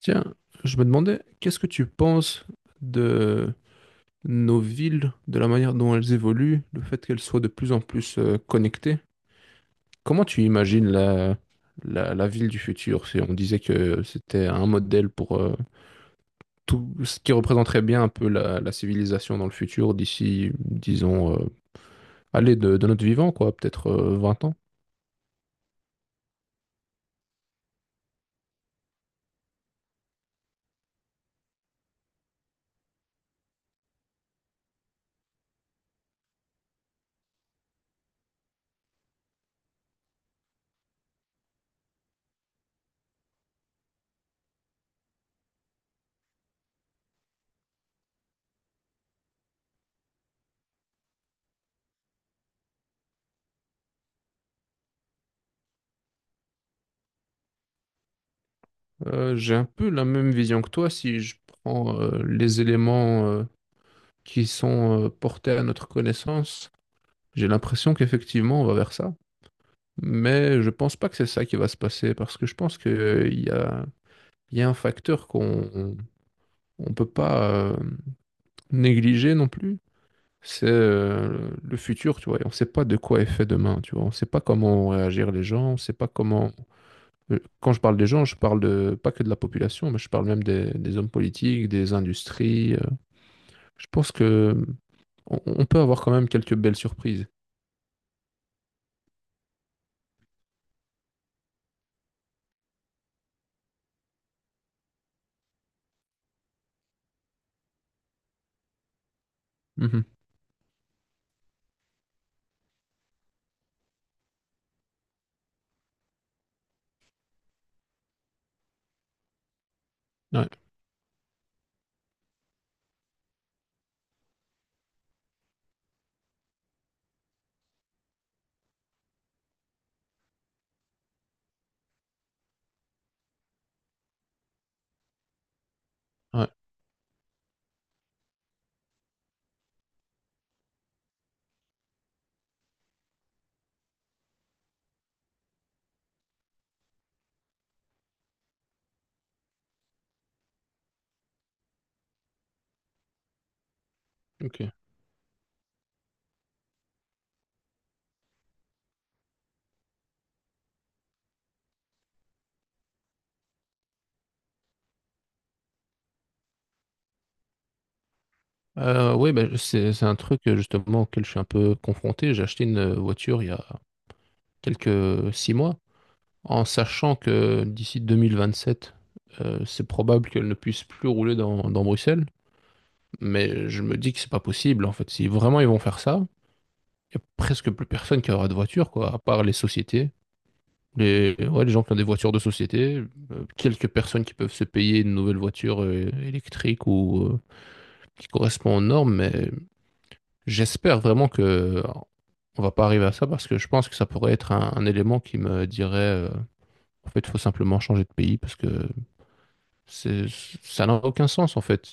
Tiens, je me demandais, qu'est-ce que tu penses de nos villes, de la manière dont elles évoluent, le fait qu'elles soient de plus en plus connectées? Comment tu imagines la ville du futur? Si on disait que c'était un modèle pour tout ce qui représenterait bien un peu la civilisation dans le futur d'ici, disons, de notre vivant, quoi, peut-être 20 ans. J'ai un peu la même vision que toi si je prends les éléments qui sont portés à notre connaissance. J'ai l'impression qu'effectivement, on va vers ça. Mais je pense pas que c'est ça qui va se passer parce que je pense qu'il y a un facteur qu'on on peut pas négliger non plus. C'est le futur, tu vois. Et on sait pas de quoi est fait demain, tu vois. On sait pas comment vont réagir les gens. On sait pas comment. Quand je parle des gens, je parle de, pas que de la population, mais je parle même des hommes politiques, des industries. Je pense que on peut avoir quand même quelques belles surprises. Ouais, ouais, OK. Oui, bah, c'est un truc, justement auquel je suis un peu confronté. J'ai acheté une, voiture il y a quelques, 6 mois, en sachant que d'ici 2027, c'est probable qu'elle ne puisse plus rouler dans dans Bruxelles. Mais je me dis que c'est pas possible, en fait. Si vraiment ils vont faire ça, il y a presque plus personne qui aura de voiture, quoi, à part les sociétés. Les ouais, les gens qui ont des voitures de société, quelques personnes qui peuvent se payer une nouvelle voiture, électrique ou, qui correspond aux normes, mais j'espère vraiment que on va pas arriver à ça parce que je pense que ça pourrait être un élément qui me dirait en fait, il faut simplement changer de pays parce que c'est- ça n'a aucun sens en fait.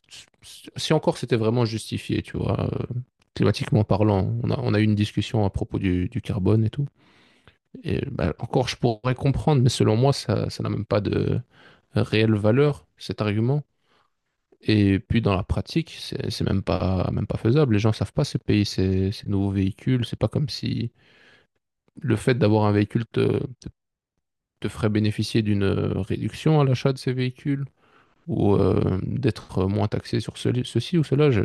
Si encore c'était vraiment justifié, tu vois, climatiquement parlant, on a eu une discussion à propos du carbone et tout. Et bah, encore, je pourrais comprendre, mais selon moi, ça n'a même pas de réelle valeur, cet argument. Et puis dans la pratique, c'est même pas faisable. Les gens savent pas ces pays, ces nouveaux véhicules. C'est pas comme si le fait d'avoir un véhicule ferait bénéficier d'une réduction à l'achat de ces véhicules ou d'être moins taxé sur ceci ou cela.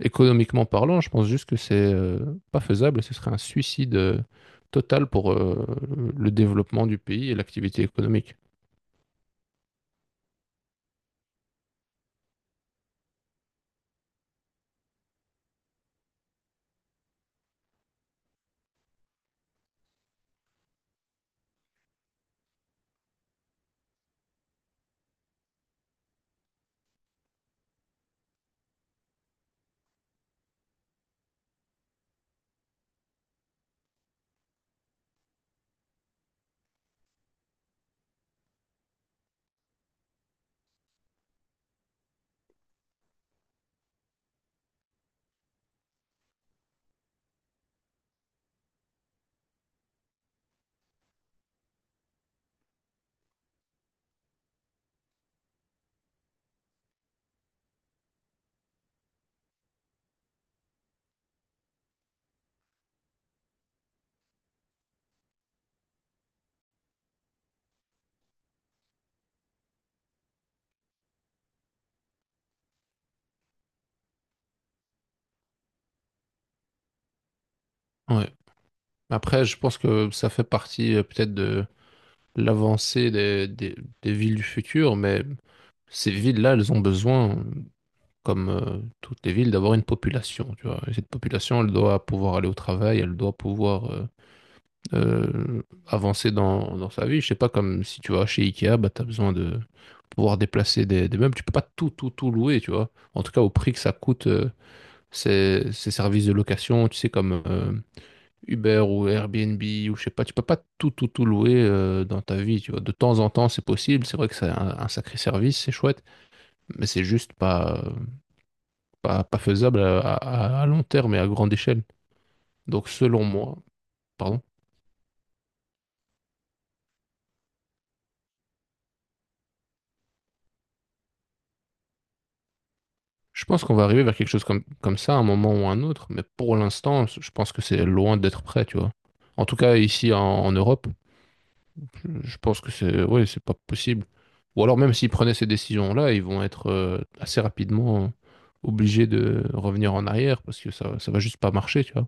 Économiquement parlant, je pense juste que c'est pas faisable. Ce serait un suicide total pour le développement du pays et l'activité économique. Ouais. Après, je pense que ça fait partie peut-être de l'avancée des villes du futur, mais ces villes-là, elles ont besoin comme toutes les villes, d'avoir une population, tu vois. Et cette population, elle doit pouvoir aller au travail, elle doit pouvoir avancer dans sa vie. Je sais pas, comme si tu vas chez Ikea, bah, tu as besoin de pouvoir déplacer des meubles. Tu peux pas tout, tout, tout louer, tu vois. En tout cas, au prix que ça coûte, ces services de location, tu sais, comme Uber ou Airbnb ou je sais pas, tu peux pas tout, tout, tout louer dans ta vie, tu vois. De temps en temps, c'est possible. C'est vrai que c'est un sacré service, c'est chouette, mais c'est juste pas, pas faisable à long terme et à grande échelle. Donc, selon moi, pardon, je pense qu'on va arriver vers quelque chose comme, comme ça à un moment ou à un autre, mais pour l'instant, je pense que c'est loin d'être prêt, tu vois. En tout cas, ici en Europe, je pense que c'est ouais, c'est pas possible. Ou alors, même s'ils prenaient ces décisions-là, ils vont être assez rapidement obligés de revenir en arrière parce que ça va juste pas marcher, tu vois.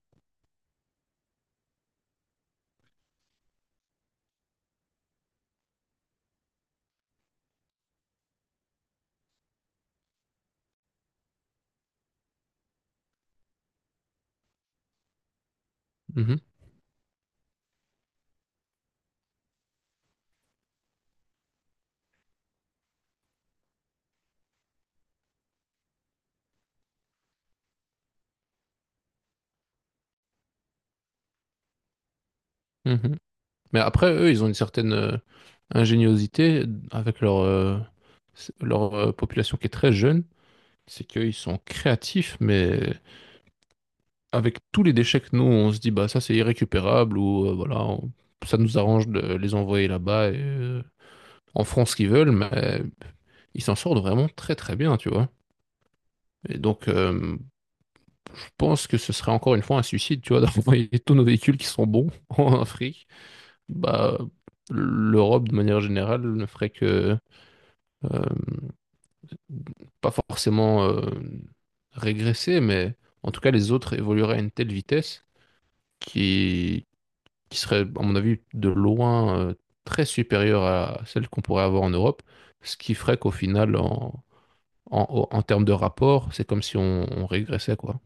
Mhm, mhm. Mais après, eux, ils ont une certaine ingéniosité avec leur population qui est très jeune. C'est qu'ils sont créatifs, mais avec tous les déchets que nous, on se dit, bah ça c'est irrécupérable ou voilà, ça nous arrange de les envoyer là-bas et en France ce qu'ils veulent, mais ils s'en sortent vraiment très très bien, tu vois. Et donc, je pense que ce serait encore une fois un suicide, tu vois, d'envoyer tous nos véhicules qui sont bons en Afrique. Bah, l'Europe, de manière générale, ne ferait que euh, pas forcément régresser, mais en tout cas les autres évolueraient à une telle vitesse qui, qui serait, à mon avis, de loin très supérieure à celle qu'on pourrait avoir en Europe, ce qui ferait qu'au final, en termes de rapport, c'est comme si on, on régressait, quoi.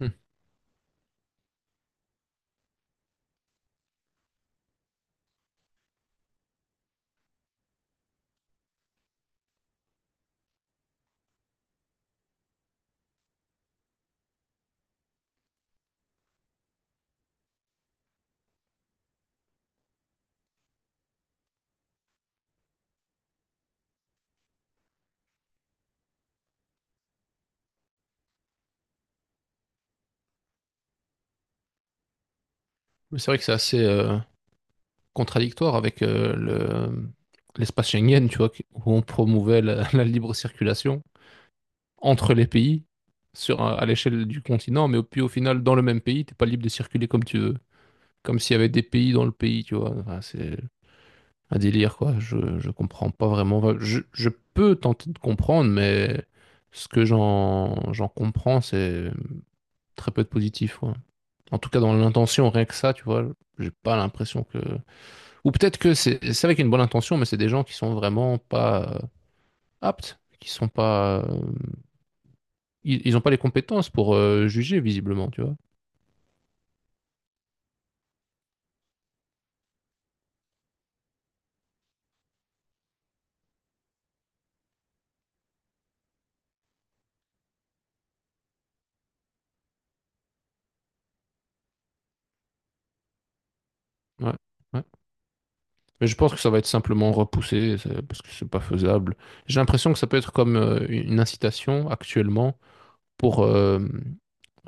Hmm. Mais c'est vrai que c'est assez contradictoire avec l'espace Schengen, tu vois, où on promouvait la, la libre circulation entre les pays sur, à l'échelle du continent, mais puis au final, dans le même pays, t'es pas libre de circuler comme tu veux. Comme s'il y avait des pays dans le pays, tu vois. Enfin, c'est un délire, quoi. Je comprends pas vraiment. Enfin, je peux tenter de comprendre, mais ce que j'en comprends, c'est très peu de positif, ouais. En tout cas, dans l'intention, rien que ça, tu vois, j'ai pas l'impression que... Ou peut-être que c'est avec une bonne intention, mais c'est des gens qui sont vraiment pas aptes, qui sont pas... ils ont pas les compétences pour juger, visiblement, tu vois. Ouais, ouais. Mais je pense que ça va être simplement repoussé parce que c'est pas faisable. J'ai l'impression que ça peut être comme une incitation actuellement pour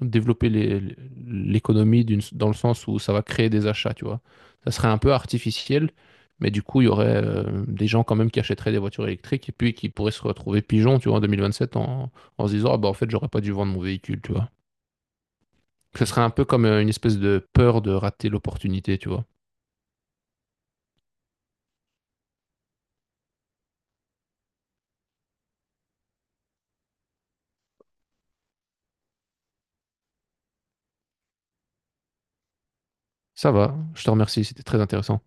développer l'économie dans le sens où ça va créer des achats, tu vois. Ça serait un peu artificiel, mais du coup, il y aurait des gens quand même qui achèteraient des voitures électriques et puis qui pourraient se retrouver pigeons, tu vois, en 2027 en se disant, ah bah en fait, j'aurais pas dû vendre mon véhicule, tu vois. Ce serait un peu comme une espèce de peur de rater l'opportunité, tu vois. Ça va, je te remercie, c'était très intéressant.